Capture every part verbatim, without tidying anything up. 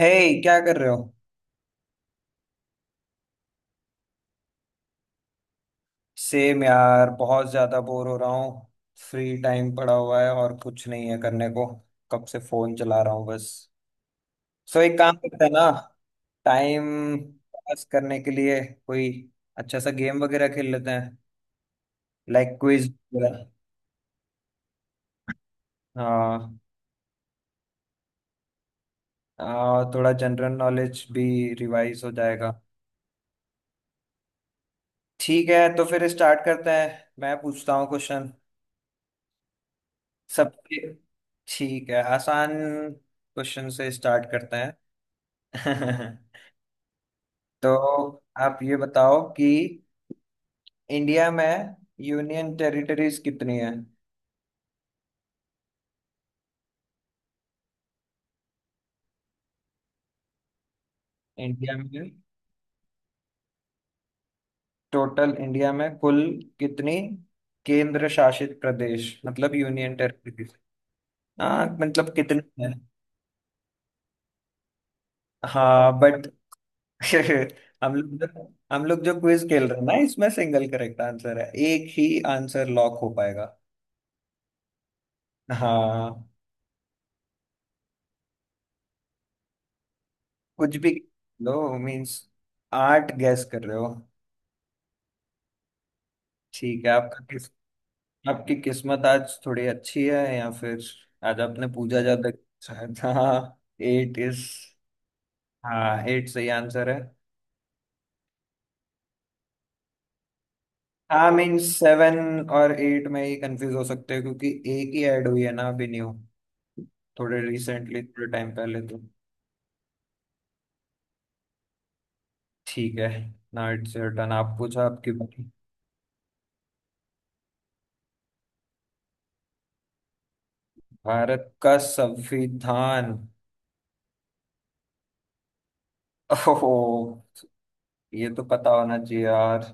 हे hey, क्या कर रहे हो? सेम यार बहुत ज्यादा बोर हो रहा हूँ। फ्री टाइम पड़ा हुआ है और कुछ नहीं है करने को। कब से फोन चला रहा हूँ बस। सो एक काम करते हैं ना। टाइम पास करने के लिए कोई अच्छा सा गेम वगैरह खेल लेते हैं। लाइक क्विज वगैरह। हाँ आ, थोड़ा जनरल नॉलेज भी रिवाइज हो जाएगा। ठीक है तो फिर स्टार्ट करते हैं। मैं पूछता हूँ क्वेश्चन सबके। ठीक है आसान क्वेश्चन से स्टार्ट करते हैं। तो आप ये बताओ कि इंडिया में यूनियन टेरिटरीज कितनी है। इंडिया में टोटल इंडिया में कुल कितनी केंद्र शासित प्रदेश मतलब यूनियन टेरिटरीज। हाँ मतलब कितनी है? हाँ बट हम लोग जो हम लोग जो क्विज खेल रहे हैं ना इसमें सिंगल करेक्ट आंसर है एक ही। आंसर लॉक हो पाएगा। हाँ कुछ भी लो। मींस आठ गैस कर रहे हो? ठीक है आपका। आपकी किस्मत आज थोड़ी अच्छी है या फिर आज आपने पूजा ज्यादा। शायद हाँ। Eight is. हाँ एट सही आंसर है। हाँ मीन सेवन और एट में ही कंफ्यूज हो सकते हैं क्योंकि एक ही ऐड हुई है ना अभी न्यू। थोड़े रिसेंटली थोड़े टाइम पहले तो। ठीक है ना इट्स योर टर्न आप पूछा आपकी बारी। भारत का संविधान। ओहो। ये तो पता होना चाहिए यार।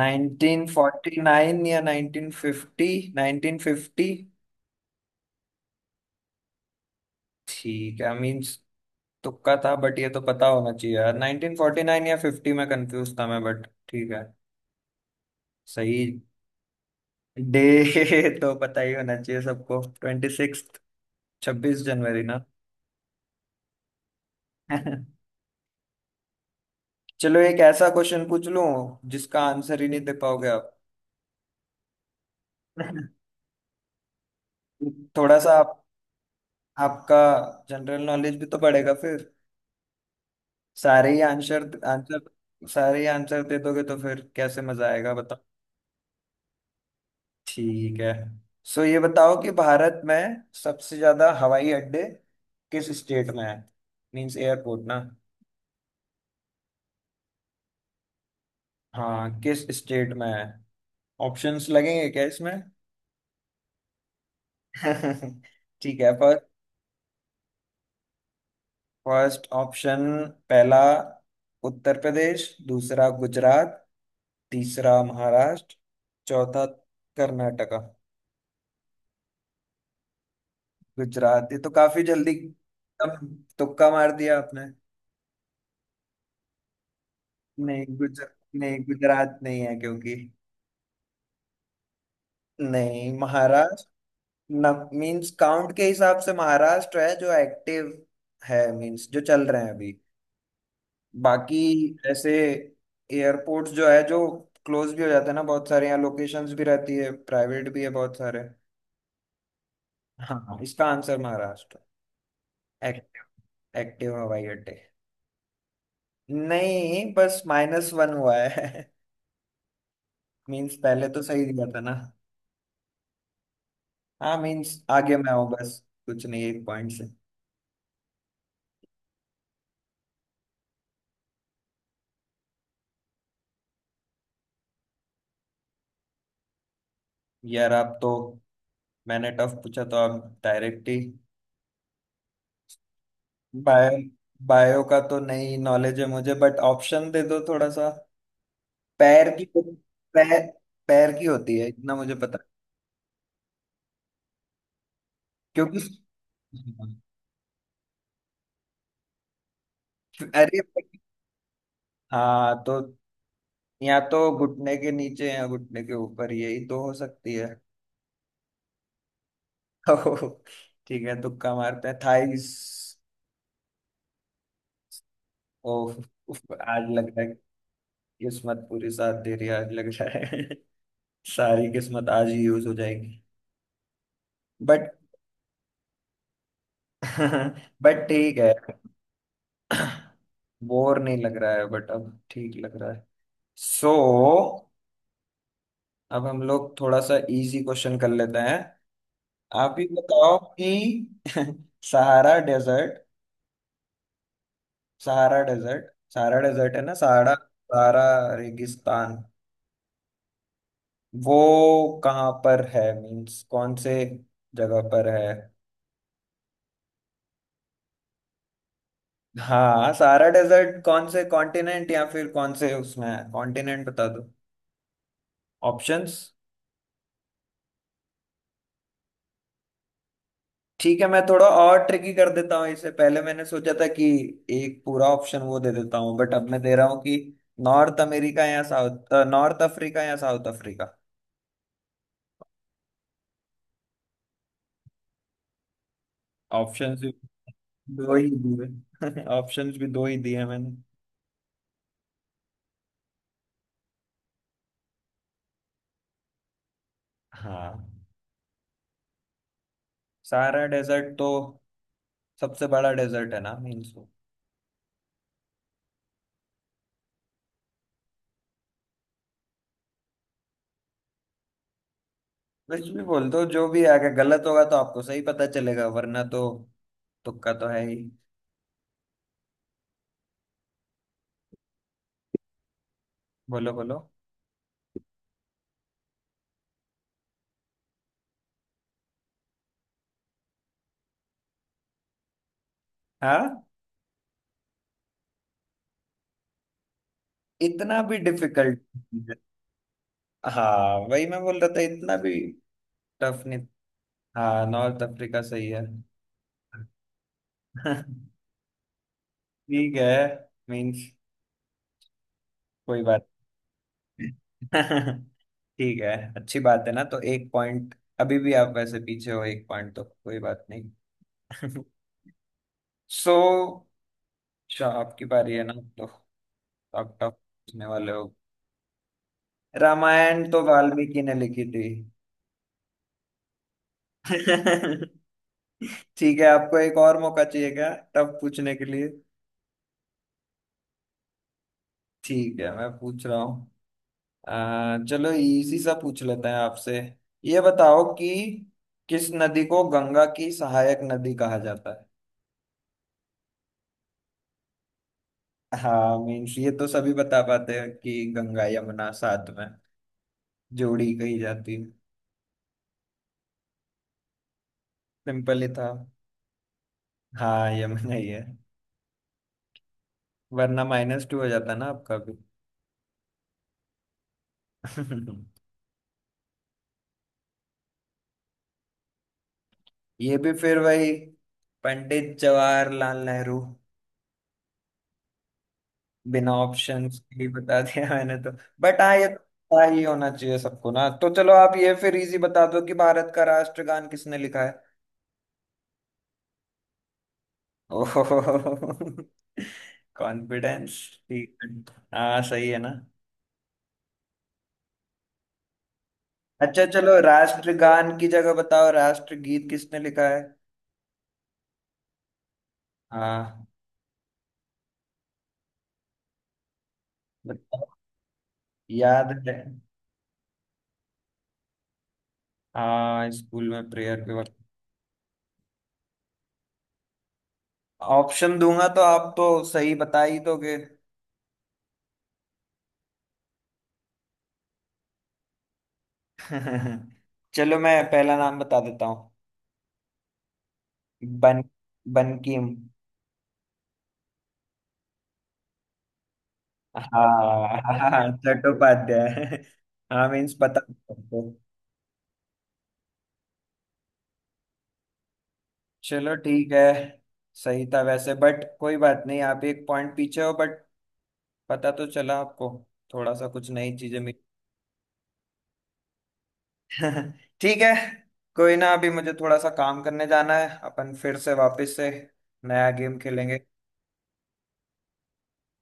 नाइन्टीन फोर्टी नाइन या नाइन्टीन फिफ्टी। Nineteen fifty. ठीक है मीन्स तुक्का था बट ये तो पता होना चाहिए यार नाइन्टीन फोर्टी नाइन या फिफ्टी में कंफ्यूज था मैं बट ठीक है। सही। डे तो पता ही होना चाहिए सबको ट्वेंटी सिक्स छब्बीस जनवरी ना। चलो एक ऐसा क्वेश्चन पूछ लूं जिसका आंसर ही नहीं दे पाओगे आप। थोड़ा सा आप। आपका जनरल नॉलेज भी तो बढ़ेगा फिर। सारे ही आंसर आंसर सारे ही आंसर दे दोगे तो फिर कैसे मजा आएगा। ठीक है। सो ये बताओ कि भारत में सबसे ज्यादा हवाई अड्डे किस स्टेट में है मीन्स एयरपोर्ट ना। हाँ किस स्टेट में है? ऑप्शंस लगेंगे क्या इसमें? ठीक है पर। फर्स्ट ऑप्शन पहला उत्तर प्रदेश। दूसरा गुजरात। तीसरा महाराष्ट्र। चौथा कर्नाटका। गुजरात ये तो काफी जल्दी एकदम। तुक्का मार दिया आपने। नहीं गुजर नहीं गुजरात नहीं है क्योंकि। नहीं महाराष्ट्र। न मींस काउंट के हिसाब से महाराष्ट्र है जो एक्टिव है मींस जो चल रहे हैं अभी बाकी। ऐसे एयरपोर्ट्स जो है जो क्लोज भी हो जाते हैं ना बहुत सारे यहाँ लोकेशंस भी रहती है प्राइवेट भी है बहुत सारे। हाँ इसका आंसर महाराष्ट्र। एक्ट, एक्टिव हवाई अड्डे। नहीं बस माइनस वन हुआ है। मींस पहले तो सही दिया था ना। हाँ मींस आगे मैं हूँ बस। कुछ नहीं एक पॉइंट से। यार आप तो मैंने टफ पूछा तो आप डायरेक्ट ही। बायो बायो का तो नहीं नॉलेज है मुझे बट ऑप्शन दे दो थोड़ा सा। पैर की तो, पैर पैर की होती है इतना मुझे पता। क्योंकि अरे हाँ तो या तो घुटने के नीचे या घुटने के ऊपर यही तो हो सकती है। ओह, ठीक है तुक्का मारते हैं थाइस। ओह उफ, आज लग रहा है। किस्मत पूरी साथ दे रही है आज लग रहा है। सारी किस्मत आज ही यूज हो जाएगी। बट बट ठीक है। बोर नहीं लग रहा है बट अब ठीक लग रहा है। सो so, अब हम लोग थोड़ा सा इजी क्वेश्चन कर लेते हैं। आप ही बताओ कि सहारा desert Sahara desert Sahara desert है ना सहारा सहारा रेगिस्तान। वो कहाँ पर है मीन्स कौन से जगह पर है? हाँ सहारा डेजर्ट कौन से कॉन्टिनेंट या फिर कौन से उसमें है कॉन्टिनेंट बता दो। ऑप्शंस। ठीक है मैं थोड़ा और ट्रिकी कर देता हूँ इसे पहले मैंने सोचा था कि एक पूरा ऑप्शन वो दे देता हूँ बट अब मैं दे रहा हूँ कि नॉर्थ अमेरिका या साउथ नॉर्थ अफ्रीका या साउथ अफ्रीका। ऑप्शंस भी दो ही दिए। ऑप्शंस भी दो ही दिए हैं मैंने। हाँ सारा डेजर्ट तो सबसे बड़ा डेजर्ट है ना मीन्स। कुछ भी बोल दो जो भी आगे गलत होगा तो आपको सही पता चलेगा वरना तो तुक्का तो है ही। बोलो बोलो। हाँ इतना भी डिफिकल्ट। हाँ वही मैं बोल रहा था इतना भी टफ नहीं। हाँ नॉर्थ अफ्रीका सही है। ठीक है मीन्स कोई बात नहीं। ठीक है अच्छी बात है ना तो एक पॉइंट अभी भी आप वैसे पीछे हो एक पॉइंट तो कोई बात नहीं। सो अच्छा आपकी बारी है ना तो आप टफ पूछने वाले हो। रामायण तो वाल्मीकि ने लिखी थी। ठीक है आपको एक और मौका चाहिए क्या टफ पूछने के लिए। ठीक है मैं पूछ रहा हूँ। आ, चलो इसी सा पूछ लेते हैं आपसे। ये बताओ कि किस नदी को गंगा की सहायक नदी कहा जाता है। हाँ मीन्स ये तो सभी बता पाते हैं कि गंगा यमुना साथ में जोड़ी कही जाती है। सिंपल ही था। हाँ यमुना ही है। वरना माइनस टू हो जाता ना आपका भी। ये भी फिर वही पंडित जवाहरलाल नेहरू बिना ऑप्शंस के ही बता दिया मैंने तो। बट हाँ ये तो पता ही होना चाहिए सबको ना तो चलो आप ये फिर इजी बता दो कि भारत का राष्ट्रगान किसने लिखा है। ओहो कॉन्फिडेंस। ठीक है। हाँ सही है ना? अच्छा चलो राष्ट्रगान की जगह बताओ राष्ट्रगीत किसने लिखा है? हाँ बताओ याद है। हाँ स्कूल में प्रेयर के वक्त। ऑप्शन दूंगा तो आप तो सही बता ही दोगे। चलो मैं पहला नाम बता देता हूँ। बन बनकीम। हाँ हाँ चट्टोपाध्याय। हाँ मीन्स पता है सबको। चलो ठीक है। सही था वैसे बट कोई बात नहीं आप एक पॉइंट पीछे हो बट पता तो चला आपको थोड़ा सा कुछ नई चीजें मिली। ठीक है। कोई ना अभी मुझे थोड़ा सा काम करने जाना है अपन फिर से वापस से नया गेम खेलेंगे।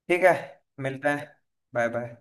ठीक है। मिलते हैं। Bye bye.